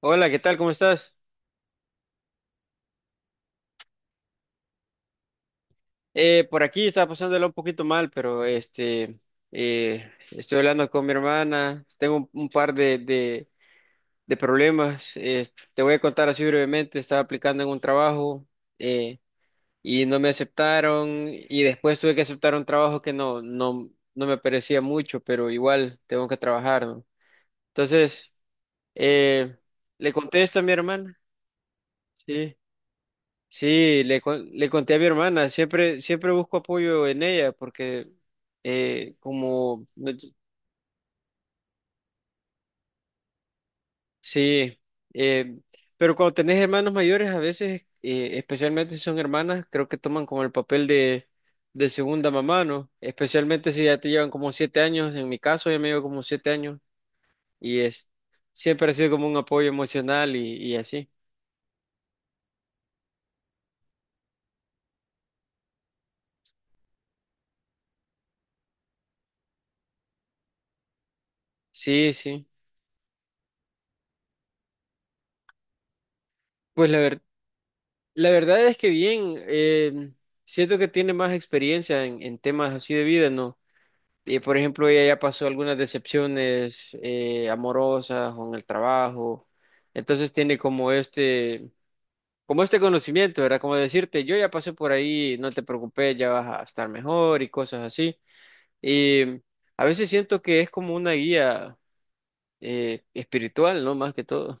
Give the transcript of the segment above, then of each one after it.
Hola, ¿qué tal? ¿Cómo estás? Por aquí estaba pasándolo un poquito mal, pero estoy hablando con mi hermana. Tengo un par de problemas. Te voy a contar así brevemente. Estaba aplicando en un trabajo, eh, y no me aceptaron, y después tuve que aceptar un trabajo que no me parecía mucho, pero igual tengo que trabajar, ¿no? Entonces, eh, le contesto a mi hermana, sí. Sí, le conté a mi hermana. Siempre busco apoyo en ella, porque como, sí. eh, pero cuando tenés hermanos mayores, a veces, especialmente si son hermanas, creo que toman como el papel de segunda mamá, ¿no? Especialmente si ya te llevan como 7 años. En mi caso, ya me llevo como 7 años, y es, siempre ha sido como un apoyo emocional y así. Sí, sí. Pues la verdad. La verdad es que bien. Siento que tiene más experiencia en temas así de vida, ¿no? Por ejemplo, ella ya pasó algunas decepciones, amorosas o en el trabajo. Entonces tiene como este conocimiento, ¿verdad? Como decirte, yo ya pasé por ahí, no te preocupes, ya vas a estar mejor y cosas así. Y a veces siento que es como una guía, espiritual, ¿no? Más que todo.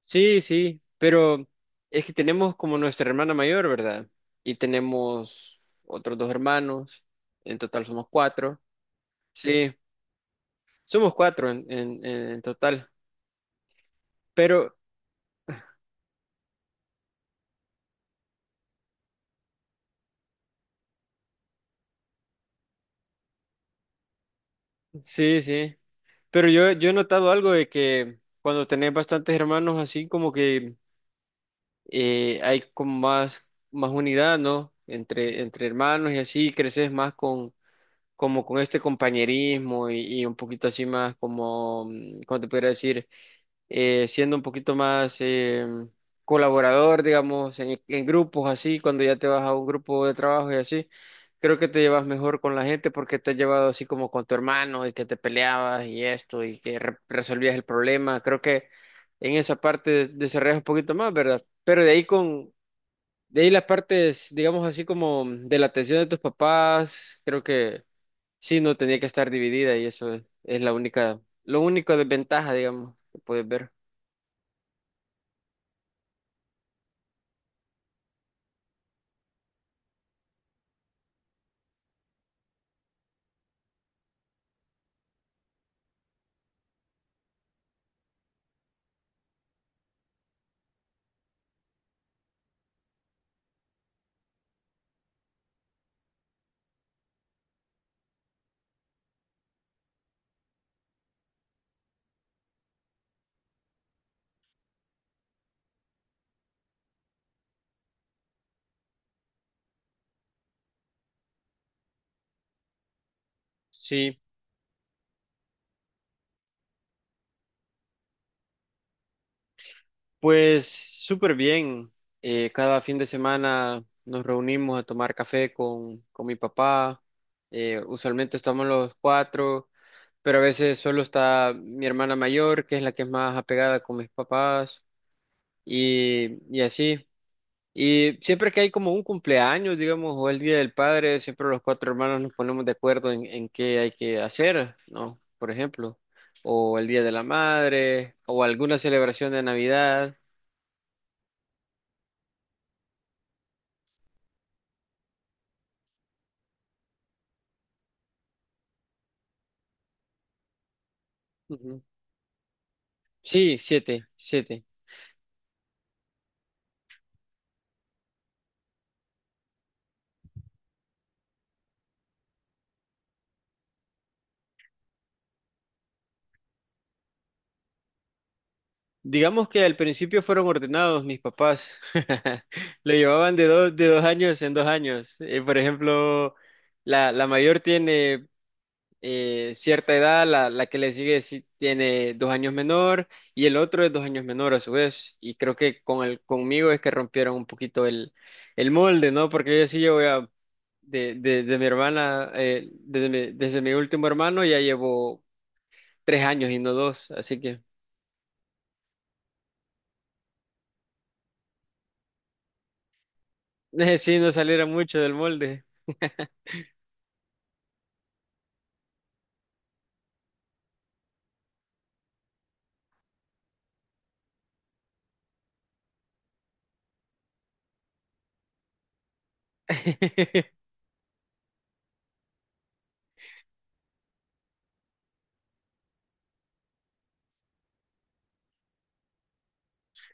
Sí, sí, pero es que tenemos como nuestra hermana mayor, ¿verdad? Y tenemos otros dos hermanos. En total somos cuatro. Sí, somos cuatro en total. Pero, sí, sí, pero yo he notado algo de que, cuando tenés bastantes hermanos así, como que hay como más unidad, ¿no? Entre hermanos. Y así creces más con, como con este compañerismo y un poquito así más como, ¿cómo te podría decir? Siendo un poquito más, colaborador, digamos, en grupos así. Cuando ya te vas a un grupo de trabajo y así, creo que te llevas mejor con la gente, porque te has llevado así como con tu hermano y que te peleabas y esto, y que resolvías el problema. Creo que en esa parte desarrollas un poquito más, ¿verdad? Pero de ahí las partes, digamos, así como de la atención de tus papás, creo que sí, no tenía que estar dividida. Y eso es lo único desventaja, digamos, que puedes ver. Sí, pues súper bien. Cada fin de semana nos reunimos a tomar café con mi papá. Usualmente estamos los cuatro, pero a veces solo está mi hermana mayor, que es la que es más apegada con mis papás, y así. Y siempre que hay como un cumpleaños, digamos, o el Día del Padre, siempre los cuatro hermanos nos ponemos de acuerdo en qué hay que hacer, ¿no? Por ejemplo, o el Día de la Madre, o alguna celebración de Navidad. Ujú. Sí, siete, siete. Digamos que al principio fueron ordenados mis papás. Lo llevaban de 2 años en 2 años. Por ejemplo, la mayor tiene, cierta edad. La que le sigue sí tiene 2 años menor, y el otro es 2 años menor a su vez. Y creo que con conmigo es que rompieron un poquito el molde, ¿no? Porque yo sí, yo voy a. De mi hermana, desde mi último hermano, ya llevo 3 años y no dos, así que. Sí, no saliera mucho del molde.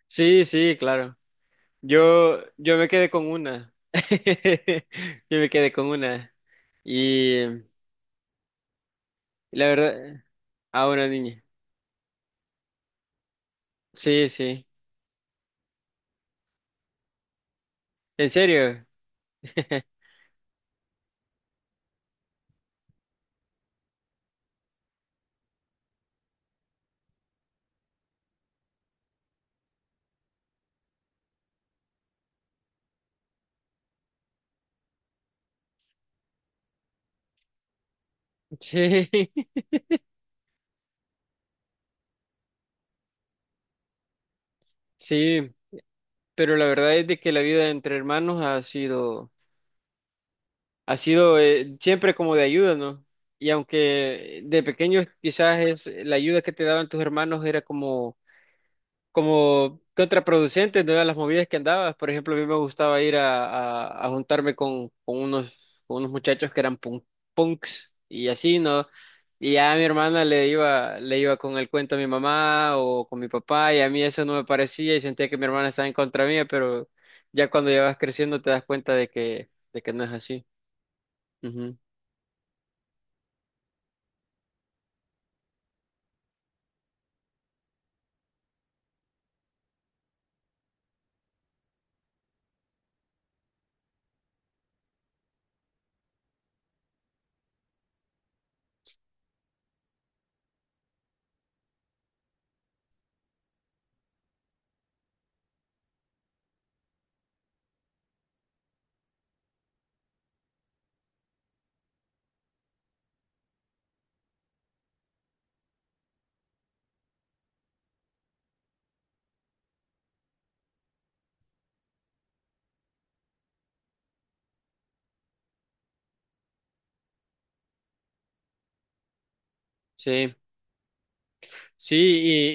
Sí, sí, claro. Yo me quedé con una. Yo me quedé con una. Y la verdad, a una niña. Sí, sí. ¿En serio? Sí, sí. Pero la verdad es de que la vida entre hermanos ha sido siempre como de ayuda, ¿no? Y aunque de pequeños quizás es la ayuda que te daban tus hermanos, era como contraproducentes de las movidas que andabas. Por ejemplo, a mí me gustaba ir a juntarme con unos muchachos que eran punks y así, ¿no? Y ya a mi hermana le iba con el cuento a mi mamá o con mi papá, y a mí eso no me parecía, y sentía que mi hermana estaba en contra mía. Pero ya cuando ya vas creciendo, te das cuenta de que no es así. Ujú. Sí, sí.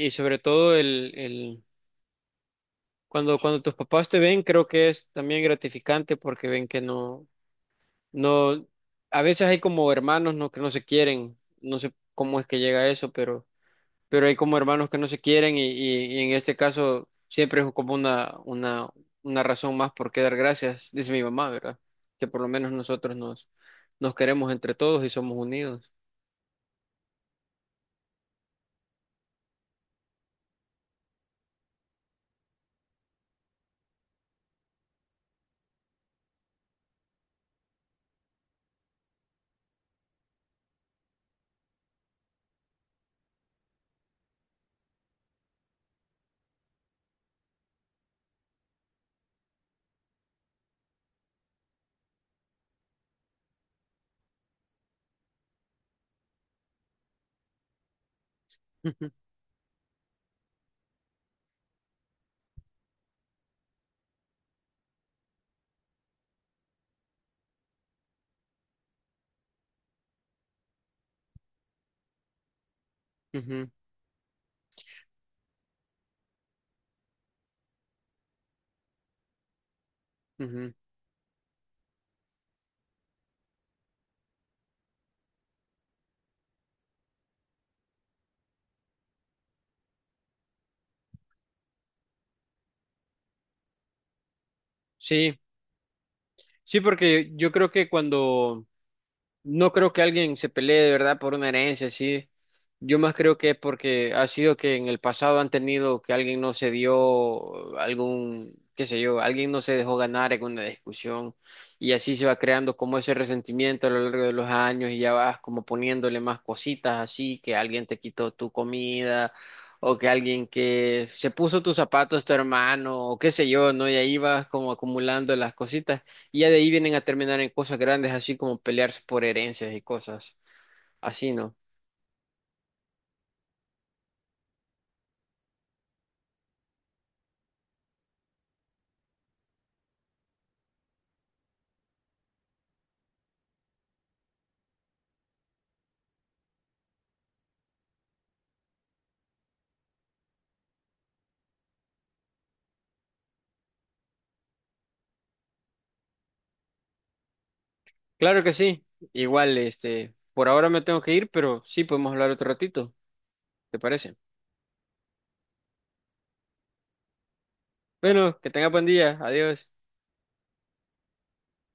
Y sobre todo, cuando tus papás te ven, creo que es también gratificante, porque ven que no. No, a veces hay como hermanos no, que no se quieren. No sé cómo es que llega a eso, pero hay como hermanos que no se quieren. Y y en este caso siempre es como una razón más por qué dar gracias, dice mi mamá, ¿verdad? Que por lo menos nosotros nos queremos entre todos y somos unidos. Ujú, ujú. Sí, sí, porque yo creo que cuando no creo que alguien se pelee de verdad por una herencia, sí. Yo más creo que es porque ha sido que en el pasado han tenido que alguien no se dio algún, qué sé yo, alguien no se dejó ganar en una discusión. Y así se va creando como ese resentimiento a lo largo de los años, y ya vas como poniéndole más cositas así, que alguien te quitó tu comida, o que alguien que se puso tus zapatos, tu hermano o qué sé yo, ¿no? Y ahí vas como acumulando las cositas. Y ya de ahí vienen a terminar en cosas grandes, así como pelearse por herencias y cosas así, ¿no? Claro que sí. Igual, por ahora me tengo que ir, pero sí podemos hablar otro ratito. ¿Te parece? Bueno, que tenga buen día. Adiós.